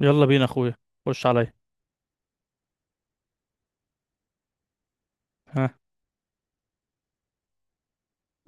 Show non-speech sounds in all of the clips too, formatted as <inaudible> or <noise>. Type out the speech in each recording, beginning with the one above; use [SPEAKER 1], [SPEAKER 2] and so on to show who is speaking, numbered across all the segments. [SPEAKER 1] يلا بينا اخويا. خش عليا. ها.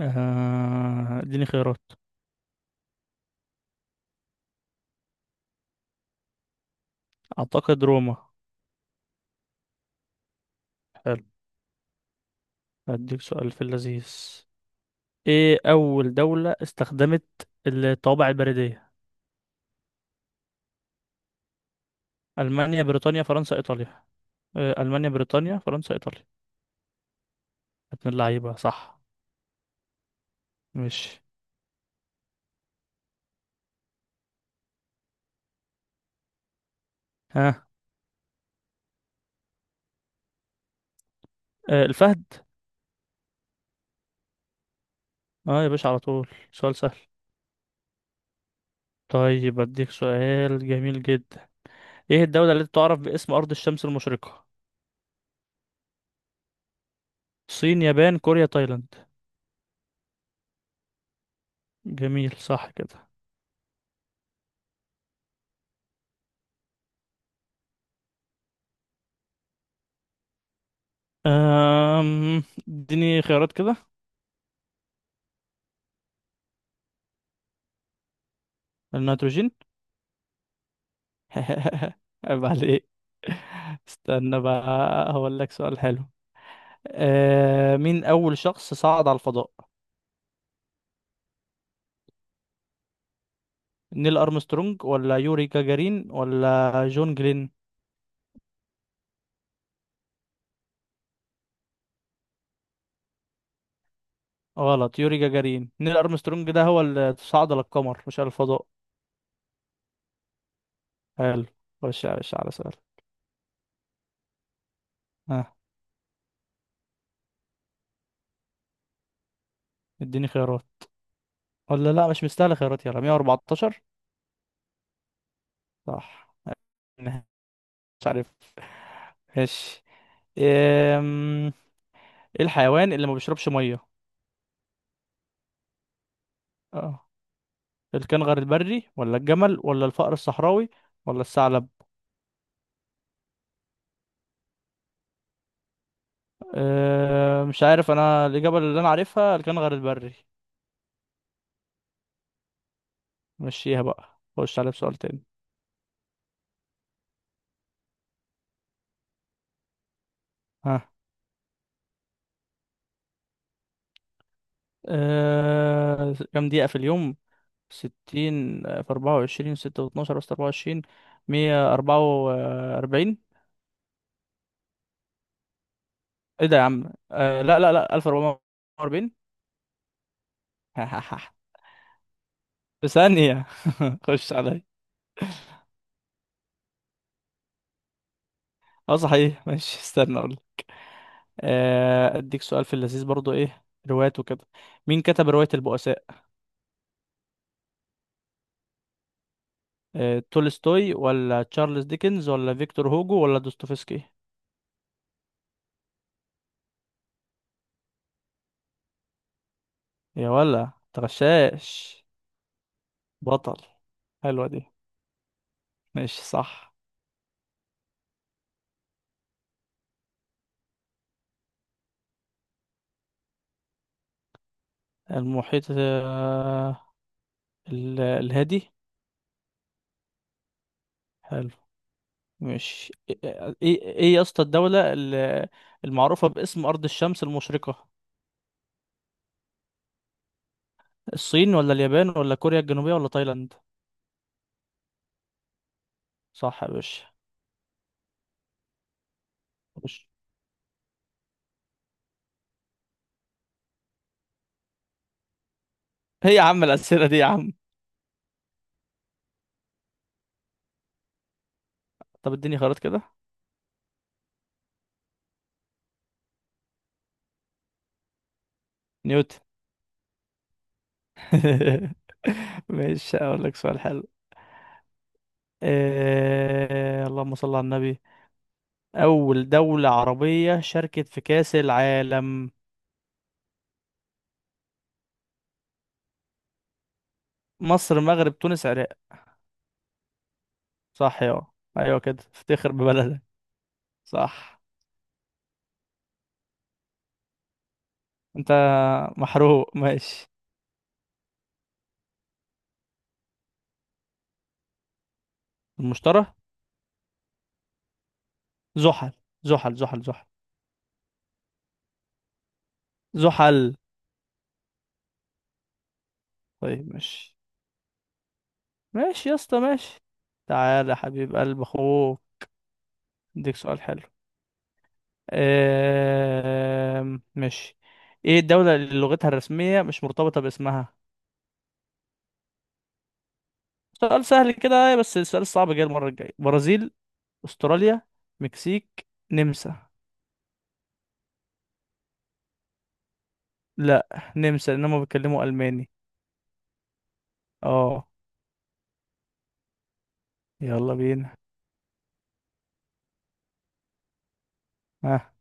[SPEAKER 1] اديني خيارات. اعتقد روما. حلو. هديك سؤال في اللذيذ. ايه اول دولة استخدمت الطوابع البريدية؟ المانيا، بريطانيا، فرنسا، ايطاليا. المانيا، بريطانيا، فرنسا، ايطاليا. ابن اللعيبة، صح. مش ها. الفهد. اه يا باشا، على طول سؤال سهل. طيب اديك سؤال جميل جدا. ايه الدولة التي تعرف باسم ارض الشمس المشرقة؟ صين، يابان، كوريا، تايلاند. جميل، صح كده. أم، اديني خيارات كده. النيتروجين. <laughs> عيب عليك. استنى بقى، هقول لك سؤال حلو. أه، مين أول شخص صعد على الفضاء؟ نيل أرمسترونج ولا يوري جاجارين ولا جون جلين. غلط، يوري جاجارين. نيل أرمسترونج ده هو اللي صعد للقمر مش على الفضاء. حلو. خش يا باشا على سؤال. ها. اديني خيارات. ولا لا، مش مستاهل خيارات. يلا 114. صح. <laughs> مش عارف. ماشي. ايه الحيوان اللي ما بيشربش ميه؟ اه، الكنغر البري ولا الجمل ولا الفأر الصحراوي ولا الثعلب. أه مش عارف، انا الاجابه اللي انا عارفها الكنغر البري. مشيها بقى، خش على بسؤال تاني. ها. أه، كام دقيقه في اليوم؟ 60 في 24، 6 و12، بس 24، 144. ايه ده يا عم؟ أه لا لا لا، 1440. <laughs> في ثانيه. <laughs> خش عليا. اه صحيح ماشي، استنى اقول. اديك سؤال في اللذيذ برضو. ايه، روايات وكده. مين كتب رواية البؤساء؟ تولستوي ولا تشارلز ديكنز ولا فيكتور هوجو ولا دوستويفسكي. يا ولا تغشاش. بطل. حلوة دي. ماشي، صح. المحيط، الهادي. حلو. مش ايه ايه إيه يا اسطى، الدولة المعروفة باسم أرض الشمس المشرقة؟ الصين ولا اليابان ولا كوريا الجنوبية ولا تايلاند. صح يا باشا. خش. ايه يا عم الأسئلة دي يا عم؟ طب اديني خيارات كده. نيوتن. <laughs> ماشي، اقول لك سؤال حلو. اللهم صل على النبي. اول دولة عربية شاركت في كأس العالم؟ مصر، مغرب، تونس، عراق. صح يا. ايوه كده، افتخر ببلدك. صح. انت محروق، ماشي. المشترى. زحل، زحل، زحل. زحل. زحل. طيب، ماشي. ماشي يا اسطى، ماشي. تعالى يا حبيب قلب اخوه، اديك سؤال حلو. ماشي. ايه الدولة اللي لغتها الرسمية مش مرتبطة باسمها؟ سؤال سهل كده بس السؤال الصعب جاي المرة الجاية. برازيل، استراليا، مكسيك، نمسا. لا، نمسا، انهم بيتكلموا الماني. اه. يلا بينا. ها.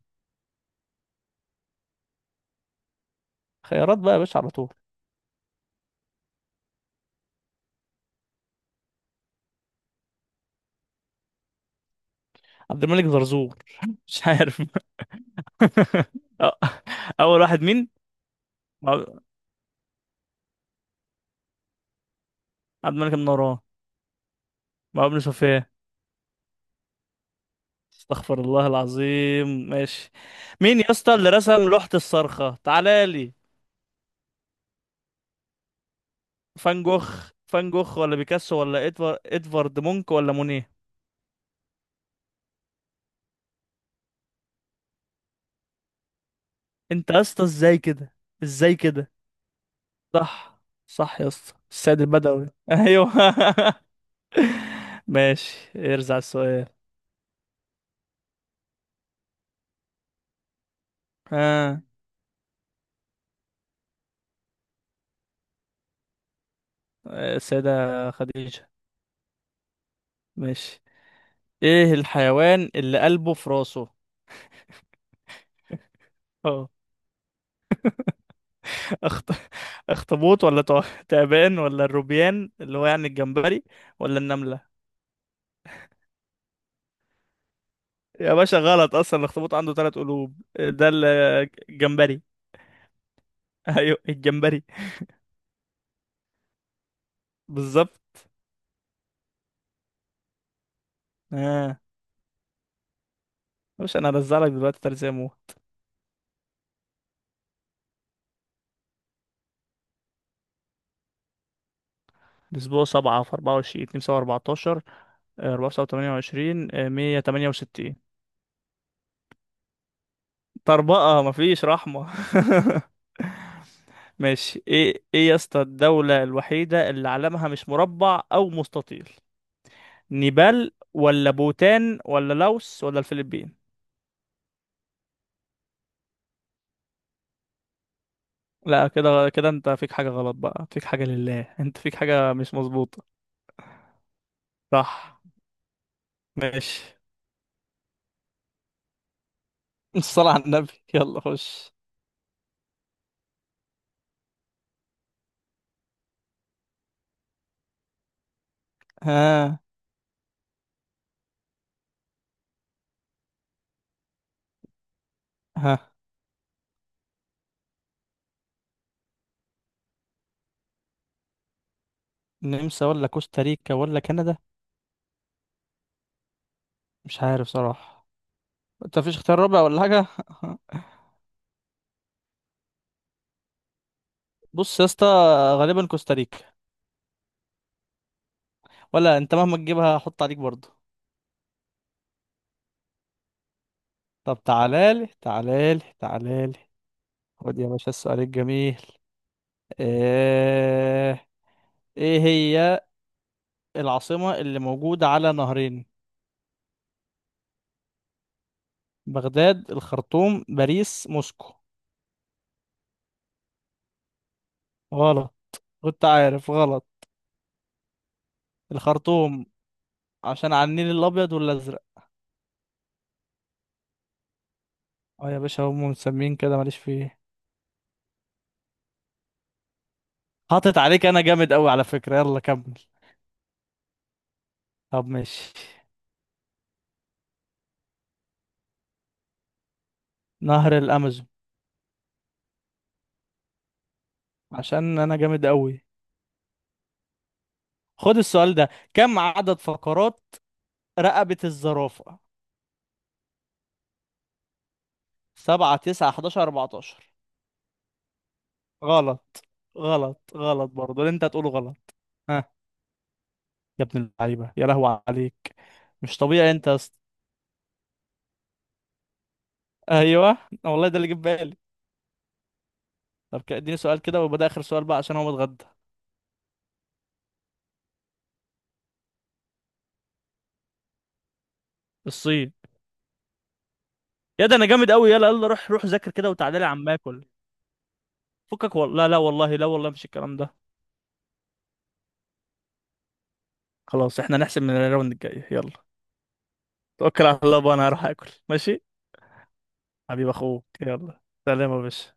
[SPEAKER 1] خيارات بقى يا باشا على طول. عبد الملك زرزور. <laughs> مش عارف. <laughs> أه، اول واحد مين؟ مع- عبد الملك النوران. مع ابن سفيان. استغفر الله العظيم، ماشي. مين يا اسطى اللي رسم لوحة الصرخة؟ تعالى لي. فان جوخ، فان جوخ ولا بيكاسو ولا ادوارد مونك ولا مونيه. انت يا اسطى، ازاي كده، ازاي كده. صح. صح يا اسطى، السيد البدوي، ايوه. <laughs> ماشي، ارزع السؤال. ها. السيدة خديجة. ماشي. ايه الحيوان اللي قلبه في راسه؟ أخط... <laughs> اخطبوط ولا تعبان ولا الروبيان اللي هو يعني الجمبري ولا النملة. يا باشا غلط، اصلا الاخطبوط عنده ثلاث قلوب. ده الجمبري. <laughs> ايوه، الجمبري. بالظبط. اه باشا، انا هرزع لك دلوقتي تلاتة مو. الاسبوع سبعة في اربعة وعشرين، اتنين سبعة اربعتاشر، اربعة وسبعة تمانية وعشرين، مية تمانية وستين. طربقة مفيش رحمة. <laughs> ماشي. ايه، ايه يا اسطى الدولة الوحيدة اللي علمها مش مربع او مستطيل؟ نيبال ولا بوتان ولا لاوس ولا الفلبين. لا، كده كده انت فيك حاجة غلط بقى، فيك حاجة لله، انت فيك حاجة مش مظبوطة. صح. ماشي. <laughs> الصلاة على النبي، يلا خش. ها. ها. النمسا ولا كوستاريكا ولا كندا؟ مش عارف صراحة. انت مفيش اختيار رابع ولا حاجة؟ <laughs> بص يا اسطى، غالبا كوستاريكا. ولا انت مهما تجيبها هحط عليك برضه. طب تعالالي، تعالالي، تعالالي. خد يا باشا السؤال الجميل. ايه ايه هي العاصمة اللي موجودة على نهرين؟ بغداد، الخرطوم، باريس، موسكو. غلط. كنت عارف غلط. الخرطوم، عشان على النيل الأبيض والأزرق. اه يا باشا، هم مسمين كده، ماليش فيه. حاطط عليك، أنا جامد أوي على فكرة، يلا كمل. طب ماشي. نهر الأمازون. عشان أنا جامد أوي. خد السؤال ده. كم عدد فقرات رقبة الزرافة؟ سبعة، تسعة، حداشر، أربعتاشر. غلط. غلط، غلط برضه اللي أنت هتقوله غلط. يا ابن اللعيبه، يا لهو عليك. مش طبيعي انت يا اسطى. ايوه، والله ده اللي جه في بالي. طب اديني سؤال كده ويبقى ده اخر سؤال بقى عشان هو متغدى. الصين. يا ده انا جامد قوي. يلا يلا، روح روح ذاكر كده وتعالى لي عم اكل. فكك والله، لا لا والله، لا والله، مش الكلام ده. خلاص احنا نحسب من الراوند الجاي، يلا. توكل على الله بقى، انا هروح اكل، ماشي. حبيب اخوك، يلا سلام يا باشا.